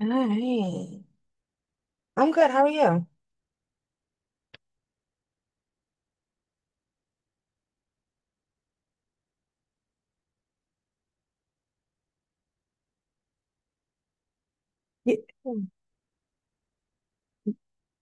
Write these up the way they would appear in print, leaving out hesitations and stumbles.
All right. I'm good. How are you? Yeah. Mm.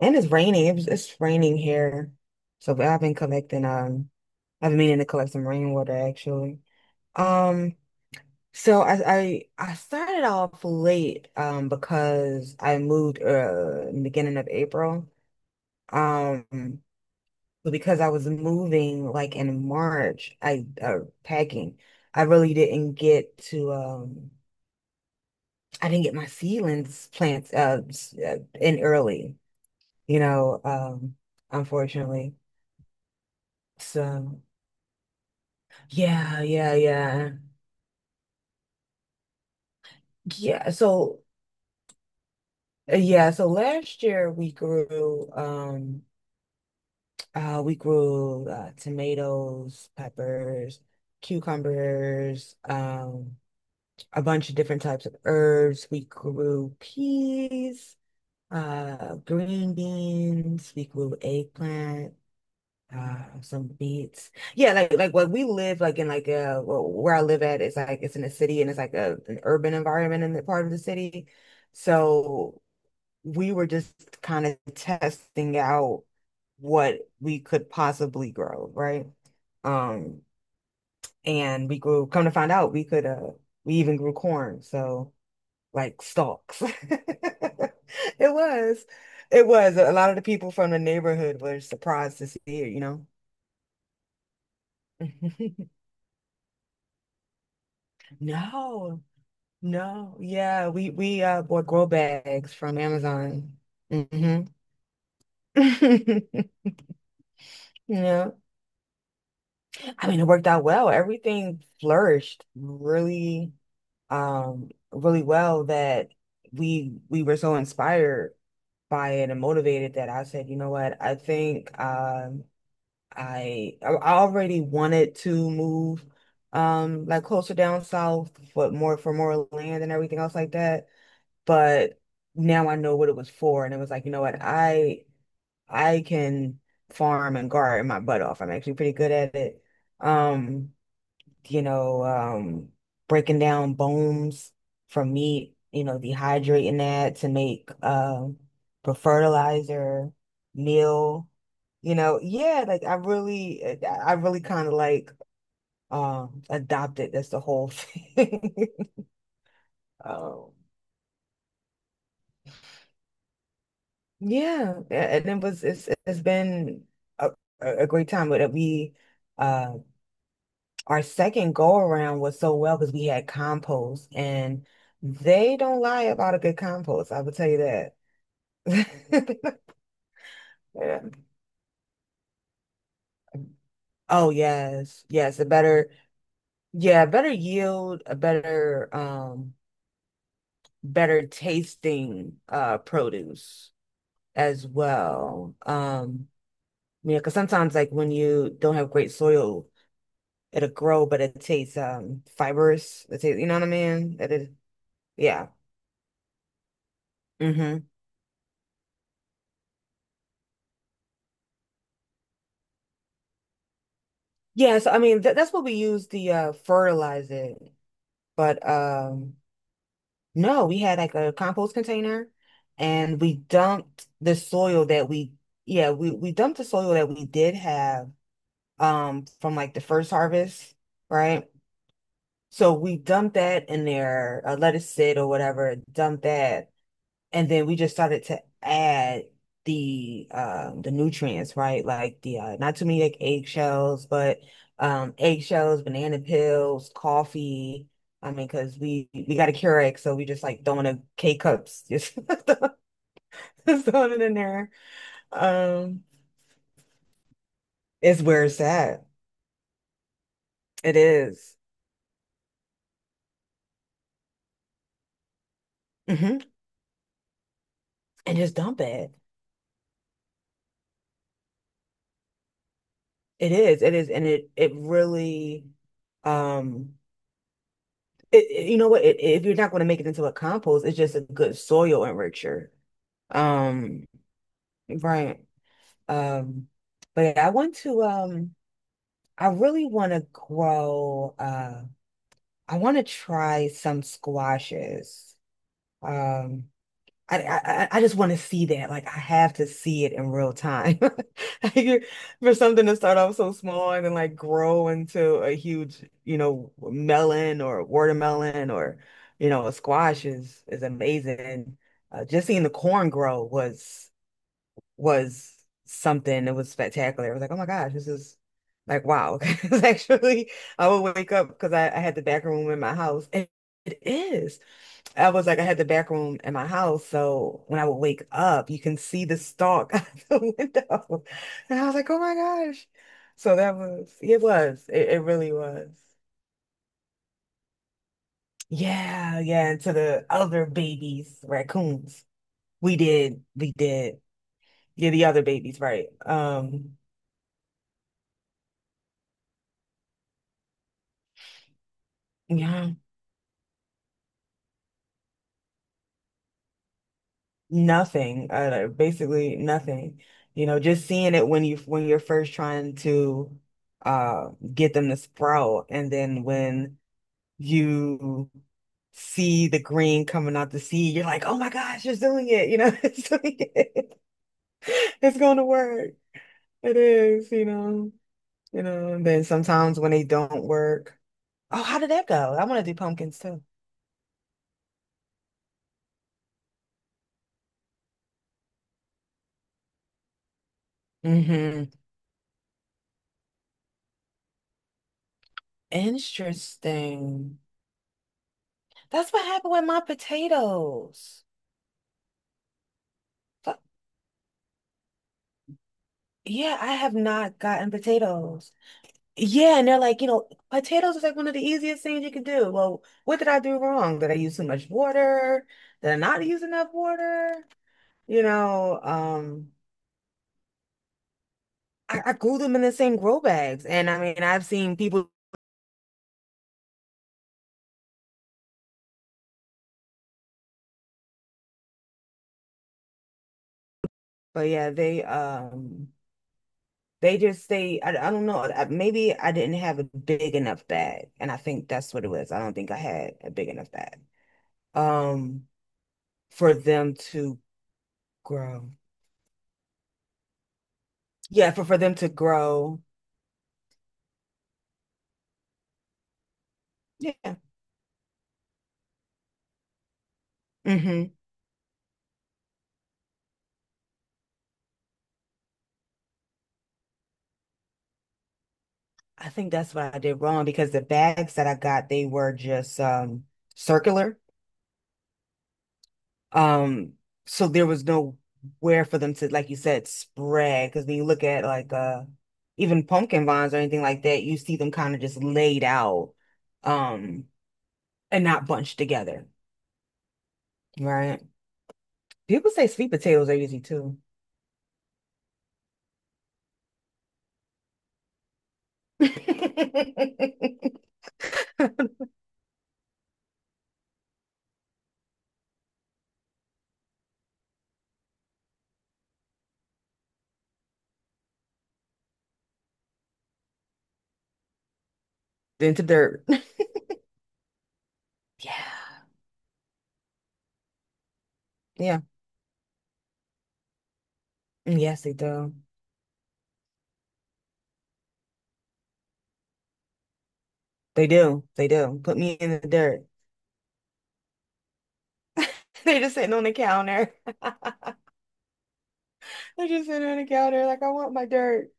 And it's raining. It's raining here. So but I've been collecting I've been meaning to collect some rainwater actually. Um I started off late because I moved in the beginning of April. Um, but because I was moving like in March, I packing. I really didn't get to I didn't get my seedlings plants in early. you know, um, unfortunately. So, yeah, yeah, yeah. Yeah, so yeah, so last year we grew tomatoes, peppers, cucumbers, um, a bunch of different types of herbs. We grew peas, uh, green beans, we grew eggplant. Some beats. Yeah, like what we live like where I live at is like it's in a city and it's like a an urban environment in the part of the city. So we were just kind of testing out what we could possibly grow, right? Um, and we grew, come to find out we could we even grew corn, so like stalks. It was. It was. A lot of the people from the neighborhood were surprised to see it, you know. No, no, yeah, we bought grow bags from Amazon. Hmm. Yeah. I mean, it worked out well. Everything flourished really, really well that we were so inspired by it and motivated that I said, you know what, I think I already wanted to move like closer down south for more land and everything else like that. But now I know what it was for, and it was like, you know what, I can farm and garden my butt off. I'm actually pretty good at it. Um, you know, breaking down bones from meat, you know, dehydrating that to make for fertilizer, meal, you know, yeah, like I really, I really kind of like adopted. That's the whole thing. Um, yeah, and it was it's been a, a great time. But we uh our second go around was so well because we had compost and they don't lie about a good compost. I will tell you that. Yeah. Oh yes, yes, a better yield, a better um, better tasting uh, produce as well. Yeah, because sometimes like when you don't have great soil it'll grow, but it tastes um, fibrous. It tastes, you know what I mean? That is, yeah. Hmm. Yeah, so I mean th that's what we use the fertilize it. But um, no, we had like a compost container and we dumped the soil that we yeah, we dumped the soil that we did have um, from like the first harvest, right? So we dumped that in there, let it sit or whatever, dumped that and then we just started to add the nutrients, right? Like the not too many like eggshells, but um, eggshells, banana peels, coffee. I mean, because we got a Keurig, so we just like throwing a K cups, just, just throwing it in there. Um, it's where it's at. It is. Mhm. And just dump it. It is. It is, and it really um, you know what? It, if you're not going to make it into a compost, it's just a good soil enricher. Um, right. Um, but yeah, I want to. I really want to grow. I want to try some squashes. Um, I I just want to see that. Like I have to see it in real time. Like, you're- For something to start off so small and then like grow into a huge, you know, melon or watermelon or, you know, a squash is amazing. And uh, just seeing the corn grow was something. It was spectacular. It was like, oh my gosh, this is like wow. 'Cause actually, I would wake up because I had the back room in my house, and it is. I was like, I had the back room in my house, so when I would wake up, you can see the stalk out the window. And I was like, oh my gosh. So that was, it really was. Yeah, yeah. And to the other babies, raccoons, we did. Yeah, the other babies, right. Yeah, nothing, basically nothing. You know, just seeing it when you're first trying to get them to sprout, and then when you see the green coming out the seed, you're like, oh my gosh, it's doing it, you know, it's doing it. It's going to work. It is, you know, and then sometimes when they don't work, oh, how did that go? I want to do pumpkins too. Hmm. Interesting. That's what happened with my potatoes. Fu- Yeah, I have not gotten potatoes. Yeah, and they're like, you know, potatoes is like one of the easiest things you can do. Well, what did I do wrong? Did I use too much water? Did I not use enough water? You know, I grew them in the same grow bags, and I mean, I've seen people, but yeah, they just say, I don't know, I, maybe I didn't have a big enough bag, and I think that's what it was. I don't think I had a big enough bag, um, for them to grow. Yeah, for them to grow. Yeah. Mhm. I think that's what I did wrong because the bags that I got, they were just um, circular. Um, so there was no where for them to, like you said, spread. Because when you look at like uh, even pumpkin vines or anything like that, you see them kind of just laid out um, and not bunched together, right? People say sweet potatoes are easy too. Into dirt. Yeah. Yeah. Yes, they do. They do. They do. Put me in the dirt. They're just sitting on the counter. They're just sitting on the counter like I want my dirt.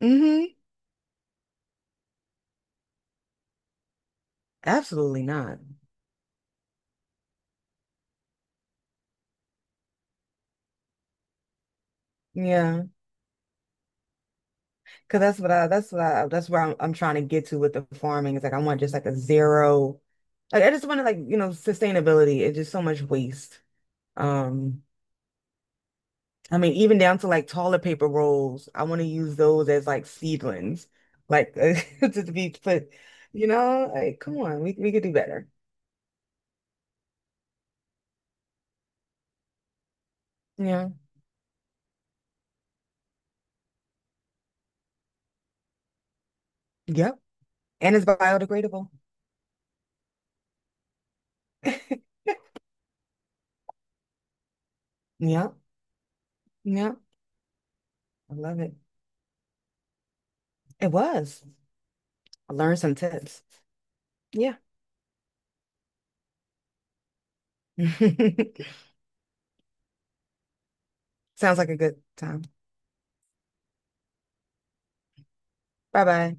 Hmm. Absolutely not. Yeah, because that's what I that's what I that's where I'm trying to get to with the farming. It's like I want just like a zero. Like I just want to like you know sustainability. It's just so much waste. Um, I mean even down to like toilet paper rolls. I want to use those as like seedlings, like to be put. You know, like come on, we could do better. Yeah. Yep. And it's biodegradable. Yeah. Yeah, I love it. It was. I learned some tips. Yeah. Sounds like a good time. Bye bye.